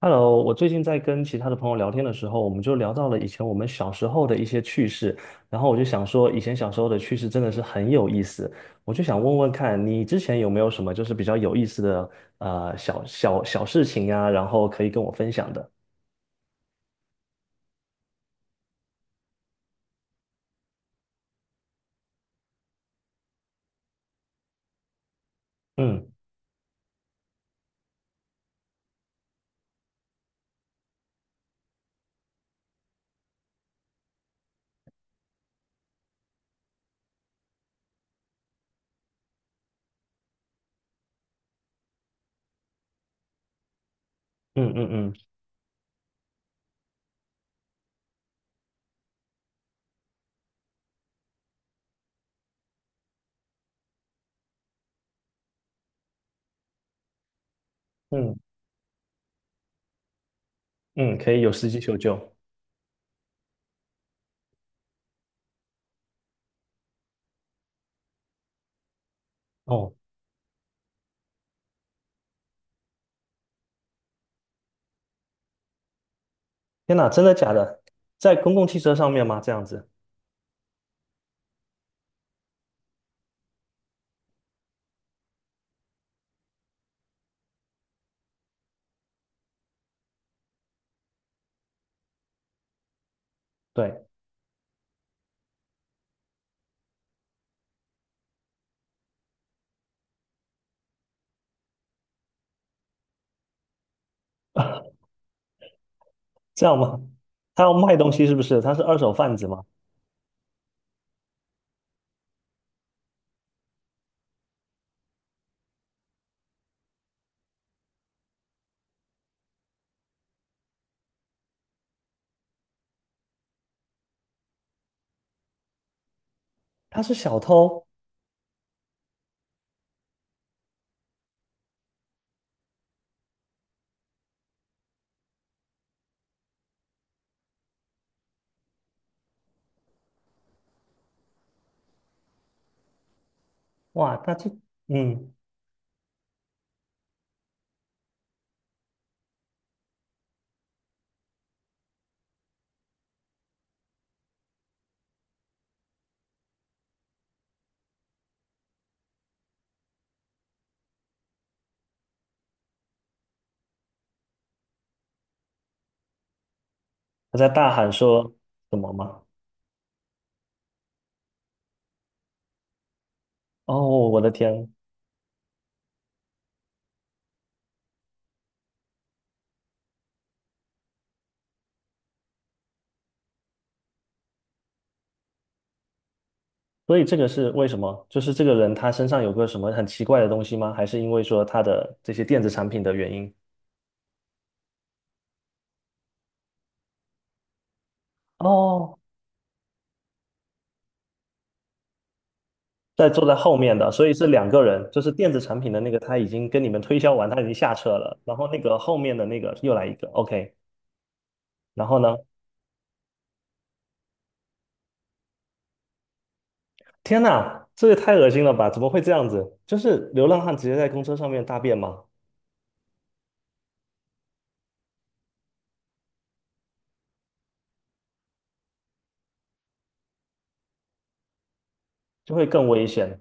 Hello，我最近在跟其他的朋友聊天的时候，我们就聊到了以前我们小时候的一些趣事，然后我就想说，以前小时候的趣事真的是很有意思，我就想问问看你之前有没有什么就是比较有意思的小事情呀，然后可以跟我分享的。嗯嗯嗯嗯嗯嗯，可以有司机求救。哦，天哪，真的假的？在公共汽车上面吗？这样子，对，这样吗？他要卖东西是不是？他是二手贩子吗？他是小偷？哇，嗯。他在大喊说什么吗？哦，我的天！所以这个是为什么？就是这个人他身上有个什么很奇怪的东西吗？还是因为说他的这些电子产品的原因？哦，在坐在后面的，所以是两个人，就是电子产品的那个他已经跟你们推销完，他已经下车了，然后那个后面的那个又来一个，OK，然后呢？天呐，这也太恶心了吧！怎么会这样子？就是流浪汉直接在公车上面大便吗？就会更危险，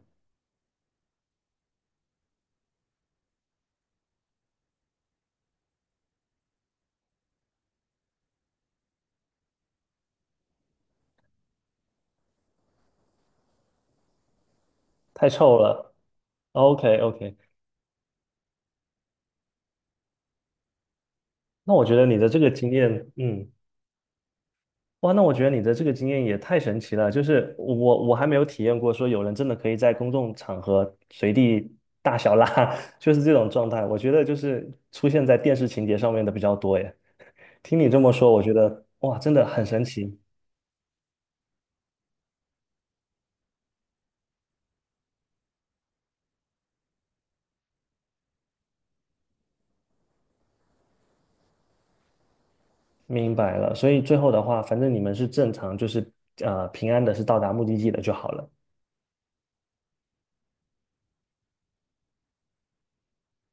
太臭了。OK OK，那我觉得你的这个经验，嗯，哇，那我觉得你的这个经验也太神奇了。就是我还没有体验过，说有人真的可以在公众场合随地大小拉，就是这种状态。我觉得就是出现在电视情节上面的比较多耶。听你这么说，我觉得哇，真的很神奇。明白了，所以最后的话，反正你们是正常，就是平安的，是到达目的地的就好了。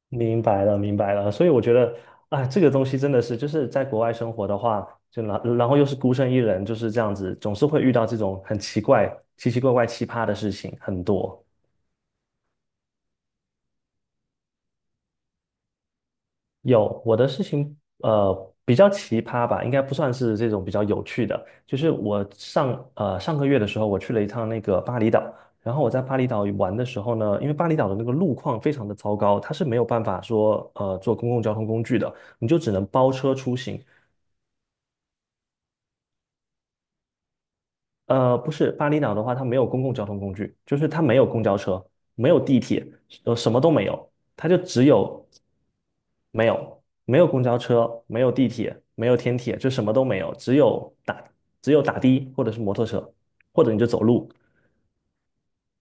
明白了，明白了。所以我觉得，啊，这个东西真的是，就是在国外生活的话，就然后又是孤身一人，就是这样子，总是会遇到这种很奇怪、奇奇怪怪、奇葩的事情很多。有我的事情，比较奇葩吧，应该不算是这种比较有趣的。就是我上个月的时候，我去了一趟那个巴厘岛，然后我在巴厘岛玩的时候呢，因为巴厘岛的那个路况非常的糟糕，它是没有办法说坐公共交通工具的，你就只能包车出行。不是，巴厘岛的话，它没有公共交通工具，就是它没有公交车，没有地铁，什么都没有，它就只有没有公交车，没有地铁，没有天铁，就什么都没有，只有打的或者是摩托车，或者你就走路。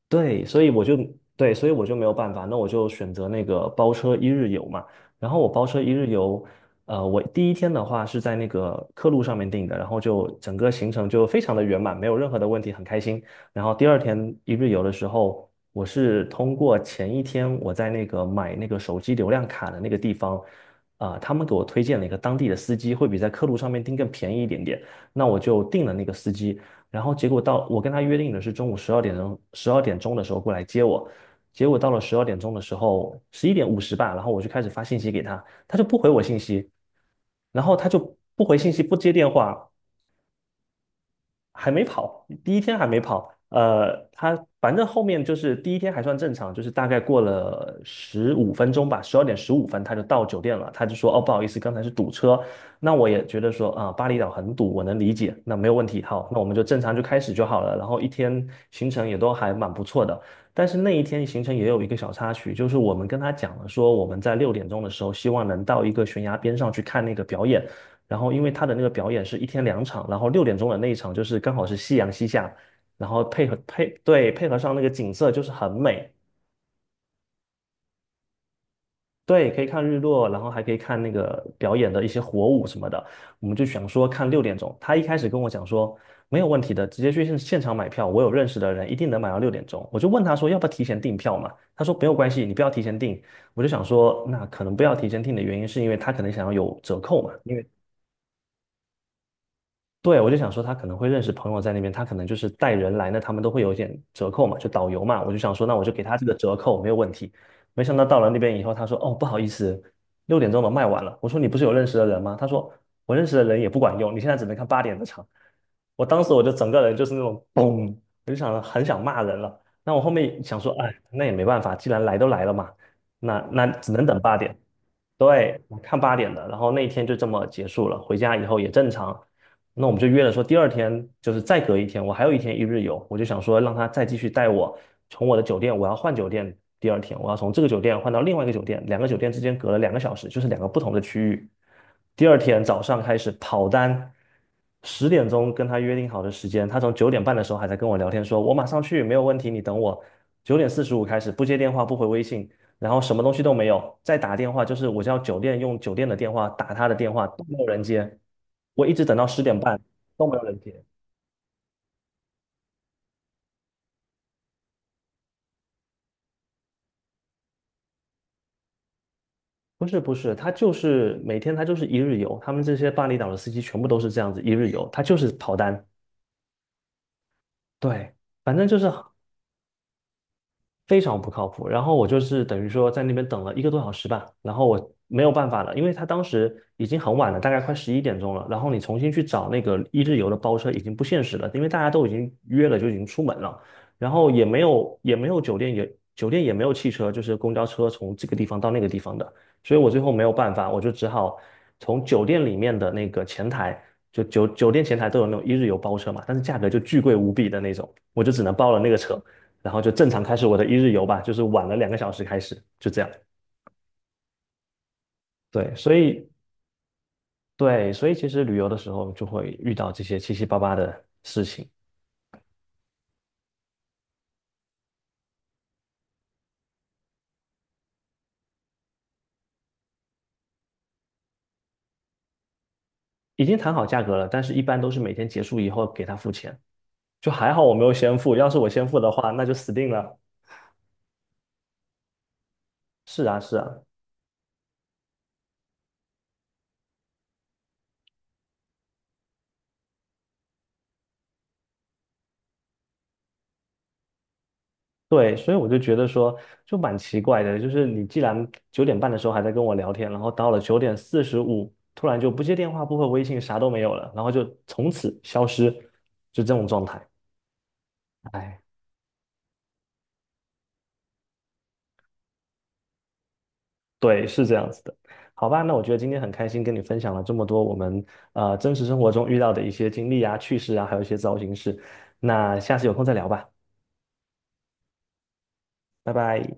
对，所以我就对，所以我就没有办法，那我就选择那个包车一日游嘛。然后我包车一日游，我第一天的话是在那个客路上面订的，然后就整个行程就非常的圆满，没有任何的问题，很开心。然后第二天一日游的时候，我是通过前一天我在那个买那个手机流量卡的那个地方，啊、他们给我推荐了一个当地的司机，会比在客路上面订更便宜一点点。那我就订了那个司机，然后结果到我跟他约定的是中午十二点钟的时候过来接我，结果到了十二点钟的时候，11:50吧，然后我就开始发信息给他，他就不回我信息，然后他就不回信息，不接电话，还没跑，第一天还没跑。他反正后面就是第一天还算正常，就是大概过了15分钟吧，12点15分他就到酒店了。他就说：“哦，不好意思，刚才是堵车。”那我也觉得说啊、巴厘岛很堵，我能理解，那没有问题。好，那我们就正常就开始就好了。然后一天行程也都还蛮不错的，但是那一天行程也有一个小插曲，就是我们跟他讲了说我们在六点钟的时候希望能到一个悬崖边上去看那个表演。然后因为他的那个表演是一天两场，然后六点钟的那一场就是刚好是夕阳西下，然后配合上那个景色就是很美，对，可以看日落，然后还可以看那个表演的一些火舞什么的。我们就想说看六点钟，他一开始跟我讲说没有问题的，直接去现场买票，我有认识的人一定能买到六点钟。我就问他说要不要提前订票嘛，他说没有关系，你不要提前订。我就想说那可能不要提前订的原因是因为他可能想要有折扣嘛。因为。对，我就想说他可能会认识朋友在那边，他可能就是带人来，那他们都会有一点折扣嘛，就导游嘛，我就想说，那我就给他这个折扣没有问题。没想到到了那边以后，他说：“哦，不好意思，六点钟都卖完了。”我说：“你不是有认识的人吗？”他说：“我认识的人也不管用，你现在只能看八点的场。”我当时我就整个人就是那种嘣，我就想着很想骂人了。那我后面想说，哎，那也没办法，既然来都来了嘛，那只能等八点。对，我看八点的，然后那一天就这么结束了。回家以后也正常，那我们就约了说第二天就是再隔一天，我还有一天一日游，我就想说让他再继续带我从我的酒店，我要换酒店，第二天我要从这个酒店换到另外一个酒店，两个酒店之间隔了两个小时，就是两个不同的区域。第二天早上开始跑单，10点跟他约定好的时间，他从九点半的时候还在跟我聊天说，我马上去，没有问题，你等我。九点四十五开始不接电话不回微信，然后什么东西都没有，再打电话就是我叫酒店用酒店的电话打他的电话都没有人接，我一直等到10点半都没有人接。不是不是，他就是每天他就是一日游，他们这些巴厘岛的司机全部都是这样子一日游，他就是跑单。对，反正就是非常不靠谱。然后我就是等于说在那边等了一个多小时吧，然后我没有办法了，因为他当时已经很晚了，大概快11点了。然后你重新去找那个一日游的包车已经不现实了，因为大家都已经约了，就已经出门了，然后也没有也没有酒店也。酒店也没有汽车，就是公交车从这个地方到那个地方的，所以我最后没有办法，我就只好从酒店里面的那个前台，就酒店前台都有那种一日游包车嘛，但是价格就巨贵无比的那种，我就只能包了那个车。然后就正常开始我的一日游吧，就是晚了两个小时开始，就这样。对，所以对，所以其实旅游的时候就会遇到这些七七八八的事情。已经谈好价格了，但是一般都是每天结束以后给他付钱，就还好我没有先付，要是我先付的话，那就死定了。是啊，是啊，对，所以我就觉得说，就蛮奇怪的，就是你既然九点半的时候还在跟我聊天，然后到了九点四十五，突然就不接电话、不回微信，啥都没有了，然后就从此消失，就这种状态。哎，对，是这样子的。好吧，那我觉得今天很开心跟你分享了这么多我们真实生活中遇到的一些经历啊、趣事啊，还有一些糟心事。那下次有空再聊吧，拜拜。